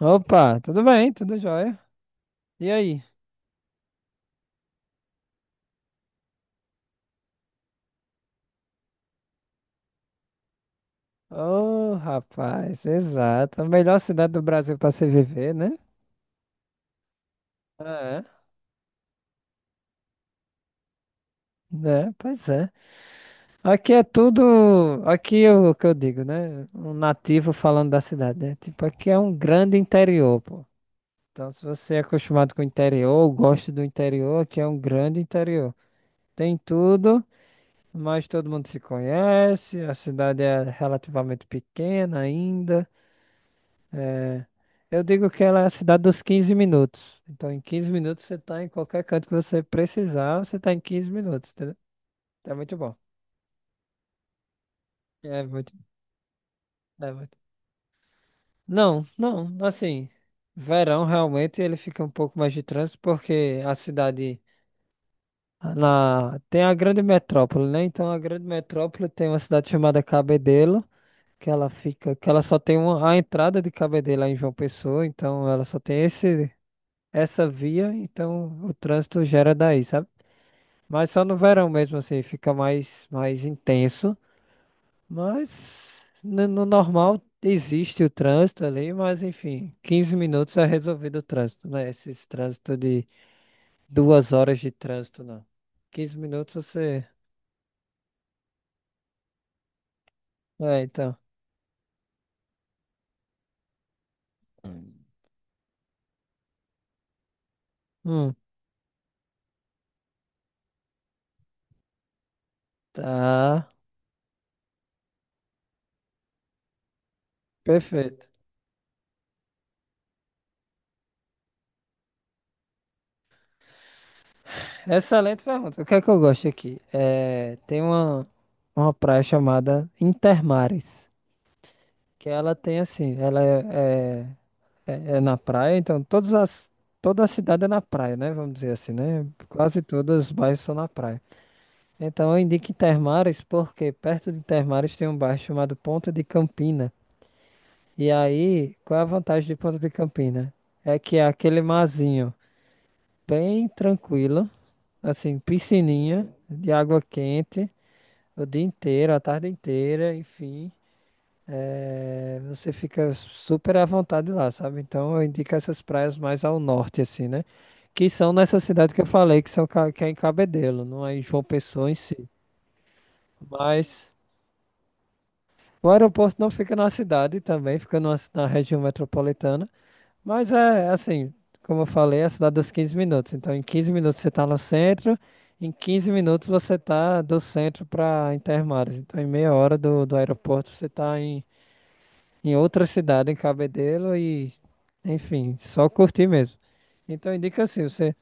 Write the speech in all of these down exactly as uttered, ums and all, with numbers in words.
Opa, tudo bem, tudo jóia. E aí? Ô, rapaz, exato. A melhor cidade do Brasil para se viver, né? É, né? Pois é. Aqui é tudo. Aqui é o que eu digo, né? Um nativo falando da cidade, né? Tipo, aqui é um grande interior, pô. Então, se você é acostumado com o interior, ou gosta do interior, aqui é um grande interior. Tem tudo, mas todo mundo se conhece. A cidade é relativamente pequena ainda. É, eu digo que ela é a cidade dos quinze minutos. Então, em quinze minutos você tá em qualquer canto que você precisar, você tá em quinze minutos, entendeu? É muito bom. É muito, é muito. Não, não, assim, verão realmente ele fica um pouco mais de trânsito porque a cidade na tem a grande metrópole, né? Então a grande metrópole tem uma cidade chamada Cabedelo, que ela fica, que ela só tem uma, a entrada de Cabedelo é em João Pessoa, então ela só tem esse essa via, então o trânsito gera daí, sabe? Mas só no verão mesmo, assim, fica mais, mais intenso. Mas no, no normal existe o trânsito ali, mas enfim, quinze minutos é resolvido o trânsito, né? Esses trânsito de duas horas de trânsito, não. Quinze minutos você. É, então. Hum. Hum, tá. Perfeito. Excelente pergunta. O que é que eu gosto aqui? É, tem uma, uma praia chamada Intermares. Que ela tem assim, ela é, é, é- é na praia, então todas as, toda a cidade é na praia, né? Vamos dizer assim, né? Quase todos os bairros são na praia. Então eu indico Intermares, porque perto de Intermares tem um bairro chamado Ponta de Campina. E aí, qual é a vantagem de Ponta de Campina? É que é aquele marzinho bem tranquilo, assim, piscininha de água quente o dia inteiro, a tarde inteira, enfim. É, você fica super à vontade lá, sabe? Então eu indico essas praias mais ao norte, assim, né? Que são nessa cidade que eu falei, que, são, Ca- que é em Cabedelo, não é em João Pessoa em si. Mas o aeroporto não fica na cidade também, fica numa ci- na região metropolitana. Mas é assim, como eu falei, é a cidade dos quinze minutos. Então em quinze minutos você está no centro, em quinze minutos você está do centro para Intermares. Então em meia hora do, do aeroporto você está em outra cidade, em Cabedelo e, enfim, só curtir mesmo. Então indica assim, você,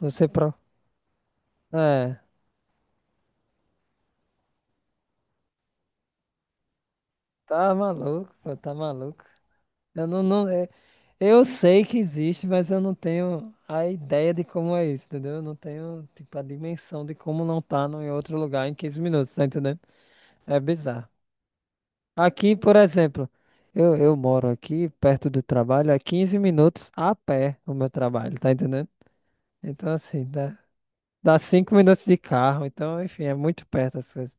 você pro. É, tá maluco, pô, tá maluco. Eu não, não, é- eu sei que existe, mas eu não tenho a ideia de como é isso, entendeu? Eu não tenho, tipo, a dimensão de como não tá no, em outro lugar em quinze minutos, tá entendendo? É bizarro. Aqui, por exemplo, eu, eu moro aqui, perto do trabalho, é quinze minutos a pé o meu trabalho, tá entendendo? Então, assim, dá- Dá cinco minutos de carro, então, enfim, é muito perto as coisas.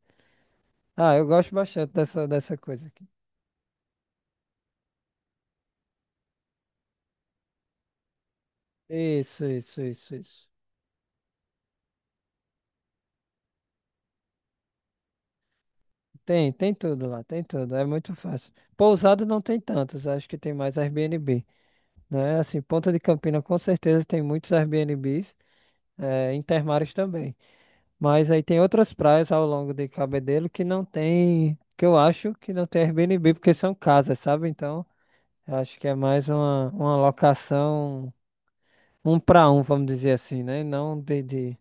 Ah, eu gosto bastante dessa, dessa coisa aqui. Isso, isso, isso, isso. Tem, tem tudo lá, tem tudo, é muito fácil. Pousada não tem tantos, acho que tem mais Airbnb, né? Assim, Ponta de Campina com certeza tem muitos Airbnbs, é, Intermares também. Mas aí tem outras praias ao longo de Cabedelo que não tem, que eu acho que não tem Airbnb, porque são casas, sabe? Então, eu acho que é mais uma, uma locação. Um para um, vamos dizer assim, né? Não de, de...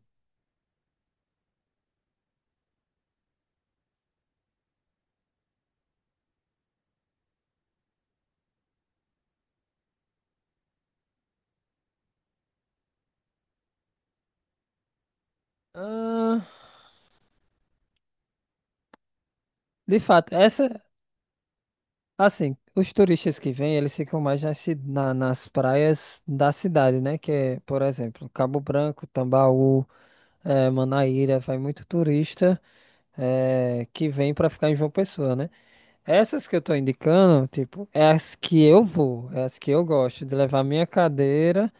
Ah, de fato, essa, assim, os turistas que vêm, eles ficam mais nas, ci- na- nas praias da cidade, né? Que é, por exemplo, Cabo Branco, Tambaú, eh, Manaíra, vai muito turista eh, que vem para ficar em João Pessoa, né? Essas que eu tô indicando, tipo, é as que eu vou, é as que eu gosto de levar minha cadeira,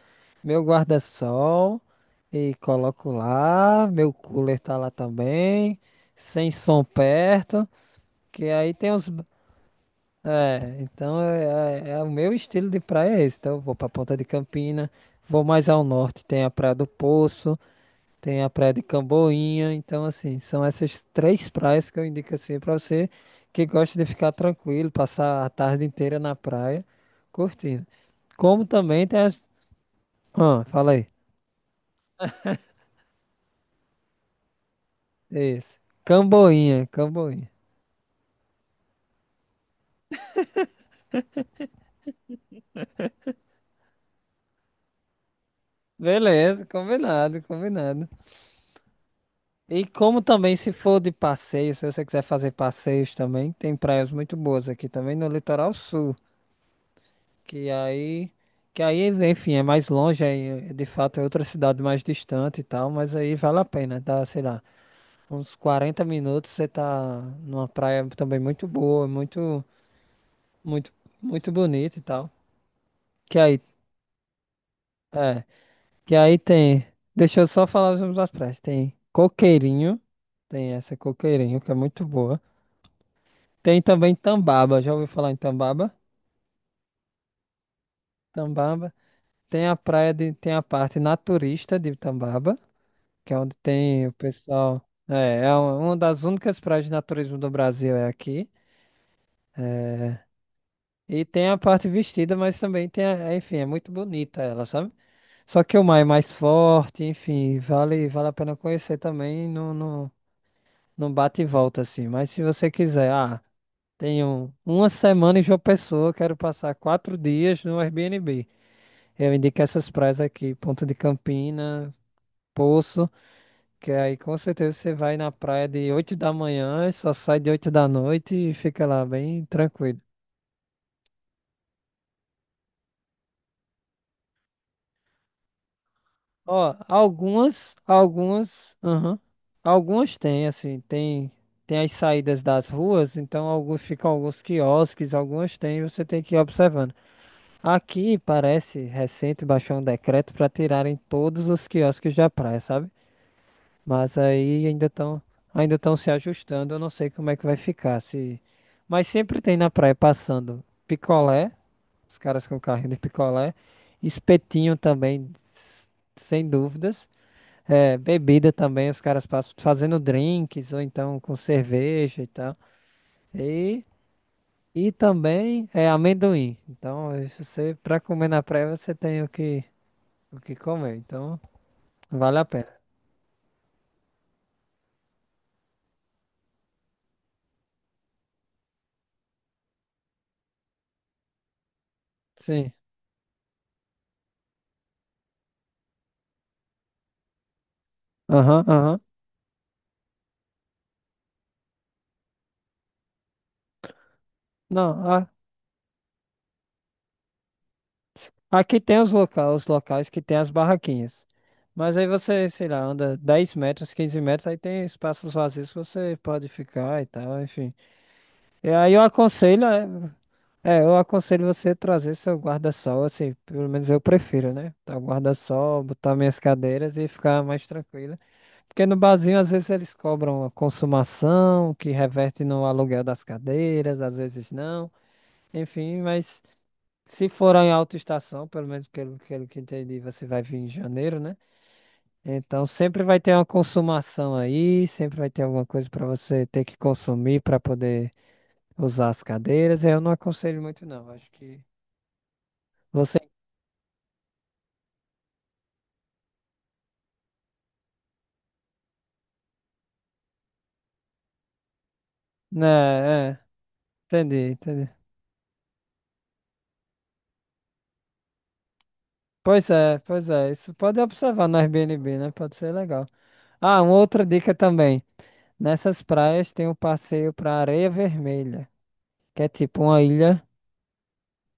meu guarda-sol e coloco lá, meu cooler tá lá também, sem som perto, que aí tem os... É, então é, é- é o meu estilo de praia é esse, então eu vou pra Ponta de Campina, vou mais ao norte, tem a Praia do Poço, tem a praia de Camboinha, então assim, são essas três praias que eu indico assim pra você que gosta de ficar tranquilo, passar a tarde inteira na praia, curtindo. Como também tem as... Ah, fala aí. Isso. Camboinha, Camboinha. Beleza, combinado, combinado. E como também se for de passeio, se você quiser fazer passeios também, tem praias muito boas aqui também no litoral sul. Que aí, que aí, enfim, é mais longe, aí, é, de fato é outra cidade mais distante e tal, mas aí vale a pena, tá, sei lá, uns quarenta minutos você tá numa praia também muito boa, muito, muito, muito bonita e tal. Que aí, é, que aí tem, deixa eu só falar os nomes das praias, tem Coqueirinho, tem essa Coqueirinho, que é muito boa. Tem também Tambaba, já ouviu falar em Tambaba? Tambaba. Tem a praia de, tem a parte naturista de Tambaba, que é onde tem o pessoal. É, é um- uma das únicas praias de naturismo do Brasil é aqui. É, e tem a parte vestida, mas também tem a, é, enfim, é muito bonita ela, sabe? Só que o mar é mais forte, enfim, vale, vale a pena conhecer também, não, não, não bate e volta assim. Mas se você quiser, ah, tenho uma semana em João Pessoa, quero passar quatro dias no Airbnb. Eu indico essas praias aqui, Ponta de Campina, Poço. Que aí com certeza você vai na praia de oito da manhã e só sai de oito da noite e fica lá bem tranquilo. Ó, algumas, algumas, aham, algumas tem, assim, tem, tem as saídas das ruas, então alguns ficam alguns quiosques, algumas tem, você tem que ir observando. Aqui parece recente baixou um decreto para tirarem todos os quiosques da praia, sabe? Mas aí ainda estão ainda estão se ajustando. Eu não sei como é que vai ficar. Se... Mas sempre tem na praia passando picolé, os caras com carrinho de picolé, espetinho também, s- sem dúvidas. É, bebida também, os caras passam fazendo drinks ou então com cerveja e tal. E, e também é amendoim. Então, isso você para comer na praia você tem o que o que comer. Então, vale a pena. Sim. Aham, aham. Não, aqui tem os locais, os locais que tem as barraquinhas. Mas aí você, sei lá, anda dez metros, quinze metros, aí tem espaços vazios que você pode ficar e tal, enfim. E aí eu aconselho, é, é, eu aconselho você trazer seu guarda-sol, assim, pelo menos eu prefiro, né? Tá o guarda-sol, botar minhas cadeiras e ficar mais tranquila. Porque no barzinho, às vezes, eles cobram a consumação, que reverte no aluguel das cadeiras, às vezes não. Enfim, mas se for em alta estação, pelo menos pelo, pelo que entendi, você vai vir em janeiro, né? Então sempre vai ter uma consumação aí, sempre vai ter alguma coisa para você ter que consumir para poder usar as cadeiras. Eu não aconselho muito, não. Acho que você. Né, é, entendi, entendi. Pois é, pois é. Isso pode observar no Airbnb, né? Pode ser legal. Ah, uma outra dica também. Nessas praias tem um passeio para Areia Vermelha, que é tipo uma ilha.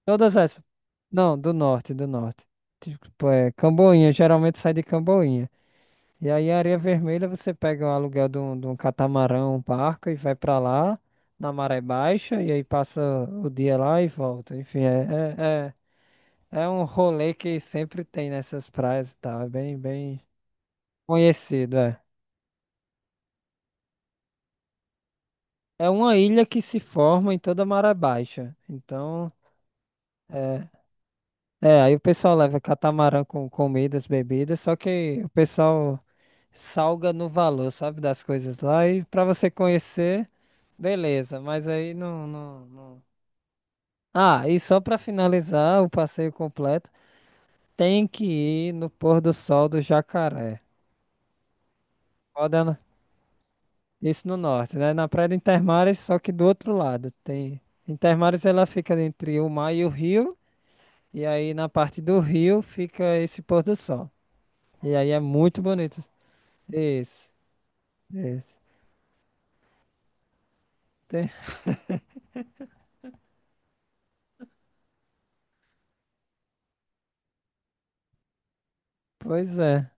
Todas essas. Não, do norte, do norte. Tipo, é Camboinha, geralmente sai de Camboinha. E aí, Areia Vermelha, você pega o aluguel de um, de um catamarão, um barco e vai pra lá, na maré baixa, e aí passa o dia lá e volta. Enfim, é, é, é, é um rolê que sempre tem nessas praias e tal. É bem, bem conhecido, é. É uma ilha que se forma em toda a maré baixa. Então, é, é, aí o pessoal leva catamarã com comidas, bebidas, só que o pessoal salga no valor, sabe, das coisas lá e pra você conhecer, beleza, mas aí não, não, não. Ah, e só pra finalizar o passeio completo, tem que ir no pôr do sol do Jacaré. Roda na- isso no norte, né? Na Praia de Intermares, só que do outro lado. Tem Intermares ela fica entre o mar e o rio, e aí na parte do rio fica esse pôr do sol. E aí é muito bonito. Isso, isso. Tem- Pois é.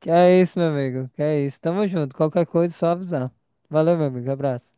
Que é isso, meu amigo. Que é isso. Tamo junto. Qualquer coisa, é só avisar. Valeu, meu amigo. Abraço.